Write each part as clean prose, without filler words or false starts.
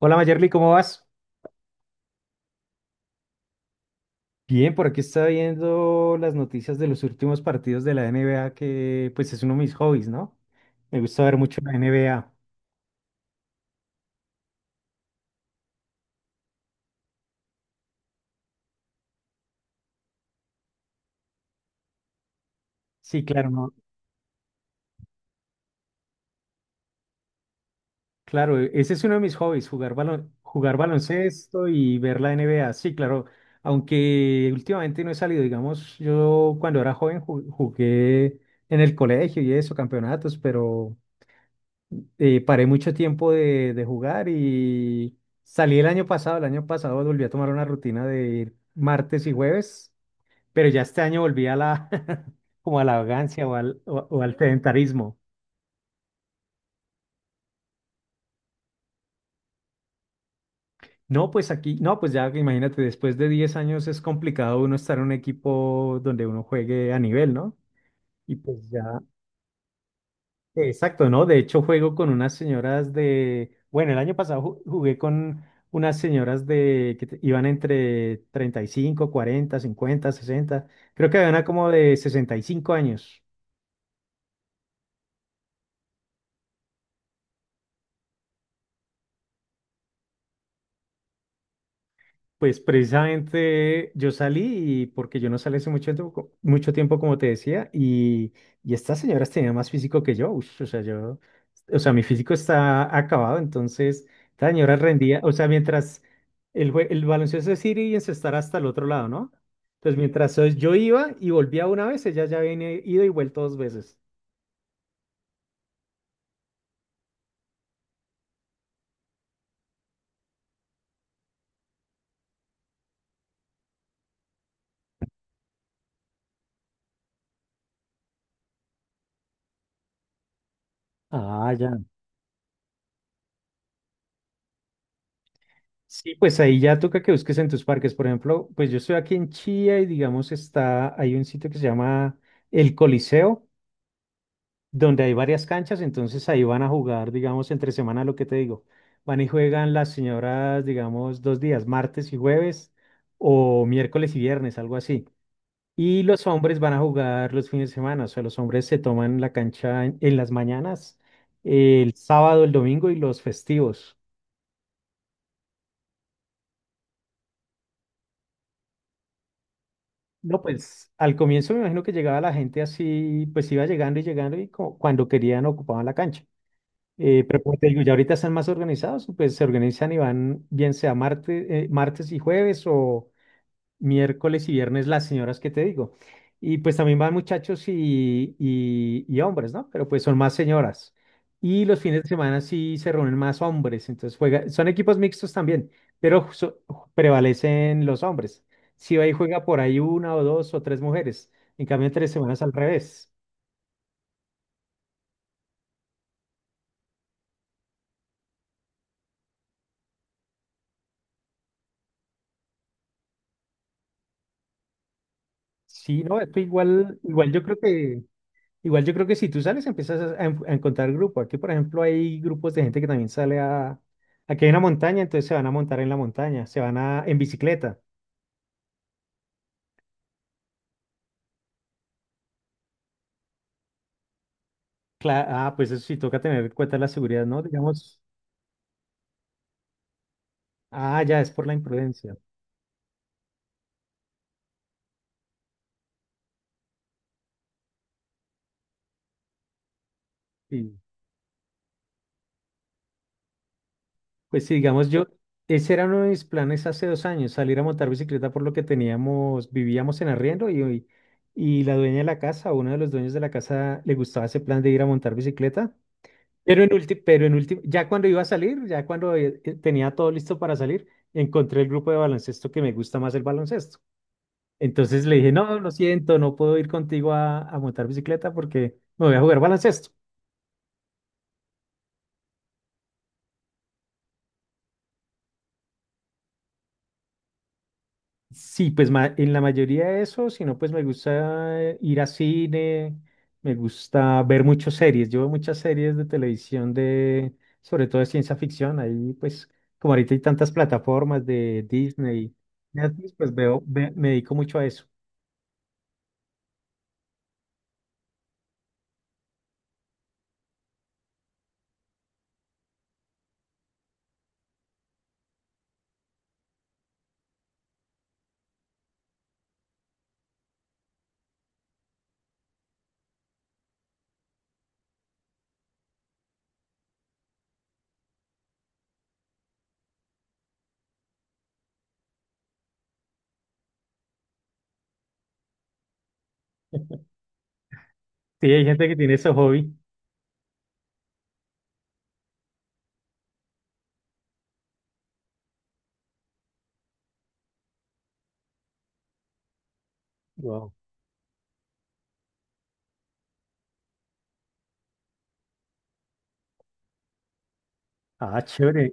Hola Mayerly, ¿cómo vas? Bien, por aquí estaba viendo las noticias de los últimos partidos de la NBA, que pues es uno de mis hobbies, ¿no? Me gusta ver mucho la NBA. Sí, claro, no. Claro, ese es uno de mis hobbies, jugar baloncesto y ver la NBA. Sí, claro, aunque últimamente no he salido, digamos, yo cuando era joven jugué en el colegio y eso, campeonatos, pero paré mucho tiempo de jugar y salí el año pasado. El año pasado volví a tomar una rutina de ir martes y jueves, pero ya este año volví como a la vagancia o al sedentarismo. No, pues aquí, no, pues ya imagínate, después de 10 años es complicado uno estar en un equipo donde uno juegue a nivel, ¿no? Y pues ya. Exacto, ¿no? De hecho, juego con unas señoras de, bueno, el año pasado jugué con unas señoras de que iban entre 35, 40, 50, 60. Creo que había una como de 65 años. Pues precisamente yo salí y porque yo no salí hace mucho tiempo, mucho tiempo como te decía, y estas señoras tenían más físico que yo, ush, o sea, yo, o sea, mi físico está acabado, entonces esta señora rendía, o sea, mientras el baloncesto es ir y encestar hasta el otro lado, ¿no? Entonces, mientras yo iba y volvía una vez, ella ya había ido y vuelto dos veces. Ah, ya. Sí, pues ahí ya toca que busques en tus parques. Por ejemplo, pues yo estoy aquí en Chía y digamos hay un sitio que se llama El Coliseo, donde hay varias canchas, entonces ahí van a jugar, digamos, entre semana lo que te digo. Van y juegan las señoras, digamos, 2 días, martes y jueves, o miércoles y viernes, algo así. Y los hombres van a jugar los fines de semana, o sea, los hombres se toman la cancha en las mañanas, el sábado, el domingo y los festivos. No, pues al comienzo me imagino que llegaba la gente así, pues iba llegando y llegando y cuando querían ocupaban la cancha. Pero como te digo, ya ahorita están más organizados, pues se organizan y van bien sea martes y jueves o, miércoles y viernes las señoras que te digo. Y pues también van muchachos y hombres, ¿no? Pero pues son más señoras. Y los fines de semana sí se reúnen más hombres, entonces juega, son equipos mixtos también, pero prevalecen los hombres. Si ahí juega por ahí una o dos o tres mujeres, en cambio tres semanas al revés. Sí, no, esto igual yo creo que si tú sales empiezas a encontrar grupos. Aquí, por ejemplo, hay grupos de gente que también sale a. Aquí hay una montaña, entonces se van a montar en la montaña, se van a en bicicleta. Ah, pues eso sí toca tener en cuenta la seguridad, ¿no? Digamos, ah, ya es por la imprudencia. Sí. Pues sí, digamos ese era uno de mis planes hace 2 años, salir a montar bicicleta por lo que teníamos, vivíamos en arriendo y la dueña de la casa, uno de los dueños de la casa, le gustaba ese plan de ir a montar bicicleta. Pero en último, ya cuando tenía todo listo para salir, encontré el grupo de baloncesto que me gusta más el baloncesto. Entonces le dije, no, lo siento, no puedo ir contigo a montar bicicleta porque me voy a jugar baloncesto. Sí, pues en la mayoría de eso, si no, pues me gusta ir a cine, me gusta ver muchas series. Yo veo muchas series de televisión de, sobre todo de ciencia ficción. Ahí, pues, como ahorita hay tantas plataformas de Disney, Netflix, pues me dedico mucho a eso. Sí, hay gente que tiene ese hobby. Wow. Ah, chévere.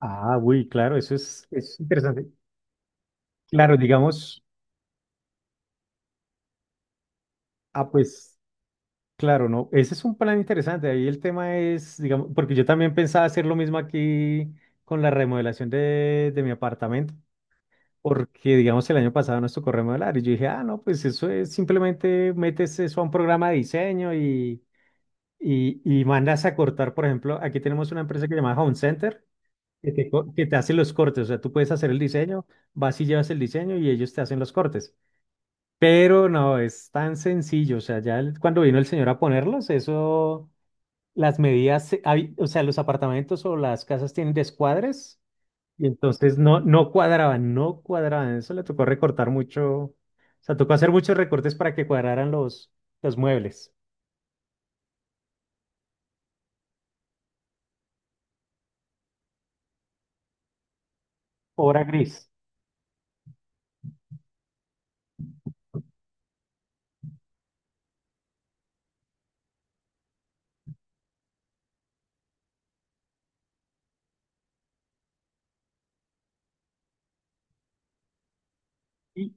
Ah, uy, claro, eso es interesante. Claro, digamos, ah, pues, claro, no, ese es un plan interesante. Ahí el tema es, digamos, porque yo también pensaba hacer lo mismo aquí con la remodelación de mi apartamento, porque, digamos, el año pasado nos tocó remodelar y yo dije, ah, no, pues eso es simplemente metes eso a un programa de diseño y mandas a cortar, por ejemplo, aquí tenemos una empresa que se llama Home Center, que te hacen los cortes. O sea, tú puedes hacer el diseño, vas y llevas el diseño y ellos te hacen los cortes. Pero no, es tan sencillo. O sea, ya cuando vino el señor a ponerlos, eso, las medidas, o sea, los apartamentos o las casas tienen descuadres y entonces no cuadraban, no cuadraban. Eso le tocó recortar mucho. O sea, tocó hacer muchos recortes para que cuadraran los muebles. Obra gris. Y,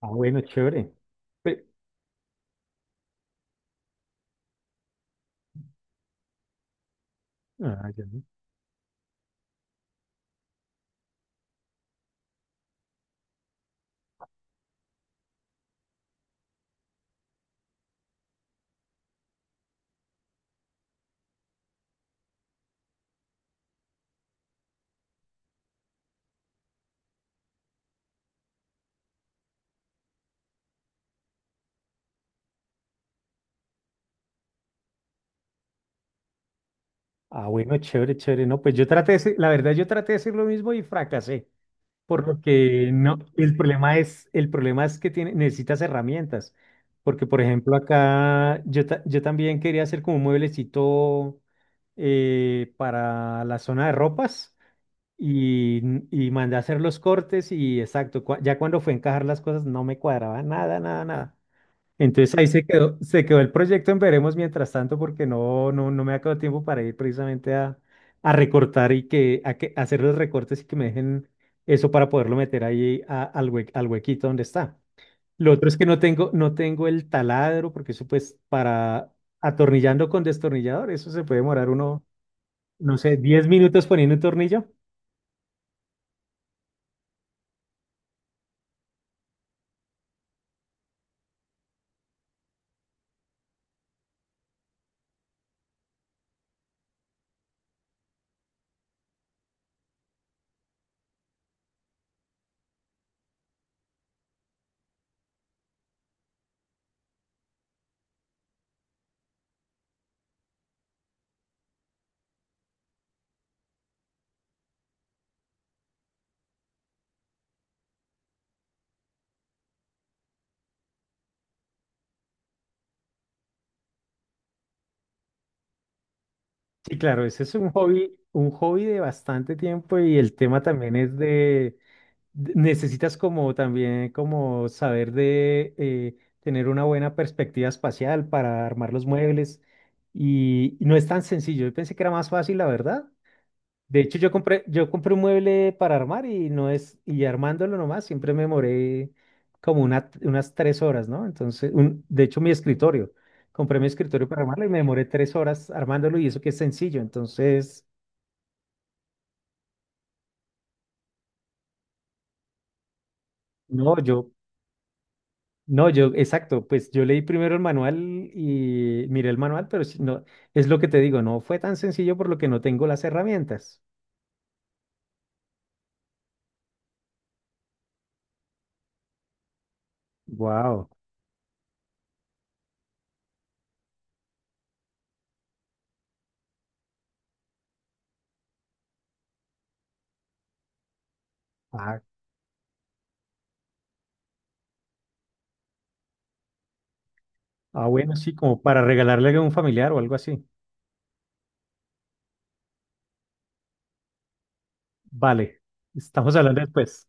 ah, bueno, chévere. Pe- ah, ya. Ah, bueno, chévere, chévere. No, pues yo traté de hacer- la verdad, yo traté de hacer lo mismo y fracasé, por lo que no, el problema es que tiene, necesitas herramientas, porque por ejemplo acá yo también quería hacer como un mueblecito para la zona de ropas y, y mandé a hacer los cortes y exacto, ya cuando fue a encajar las cosas no me cuadraba nada, nada, nada. Entonces ahí se quedó el proyecto en veremos mientras tanto porque no, no, no me ha quedado tiempo para ir precisamente a recortar a hacer los recortes y que me dejen eso para poderlo meter ahí al huequito donde está. Lo otro es que no tengo el taladro porque eso pues para atornillando con destornillador, eso se puede demorar uno, no sé, 10 minutos poniendo un tornillo. Sí, claro, ese es un hobby, de bastante tiempo y el tema también es de Necesitas como también como saber de tener una buena perspectiva espacial para armar los muebles y no es tan sencillo. Yo pensé que era más fácil, la verdad. De hecho, yo compré un mueble para armar y no es, y armándolo nomás, siempre me demoré como unas 3 horas, ¿no? Entonces, de hecho, compré mi escritorio para armarlo y me demoré 3 horas armándolo y eso que es sencillo. Entonces, no, yo No, yo, exacto, pues yo leí primero el manual y miré el manual, pero sí, no, es lo que te digo, no fue tan sencillo por lo que no tengo las herramientas. Wow. Ah, ah, bueno, sí, como para regalarle a un familiar o algo así. Vale, estamos hablando después.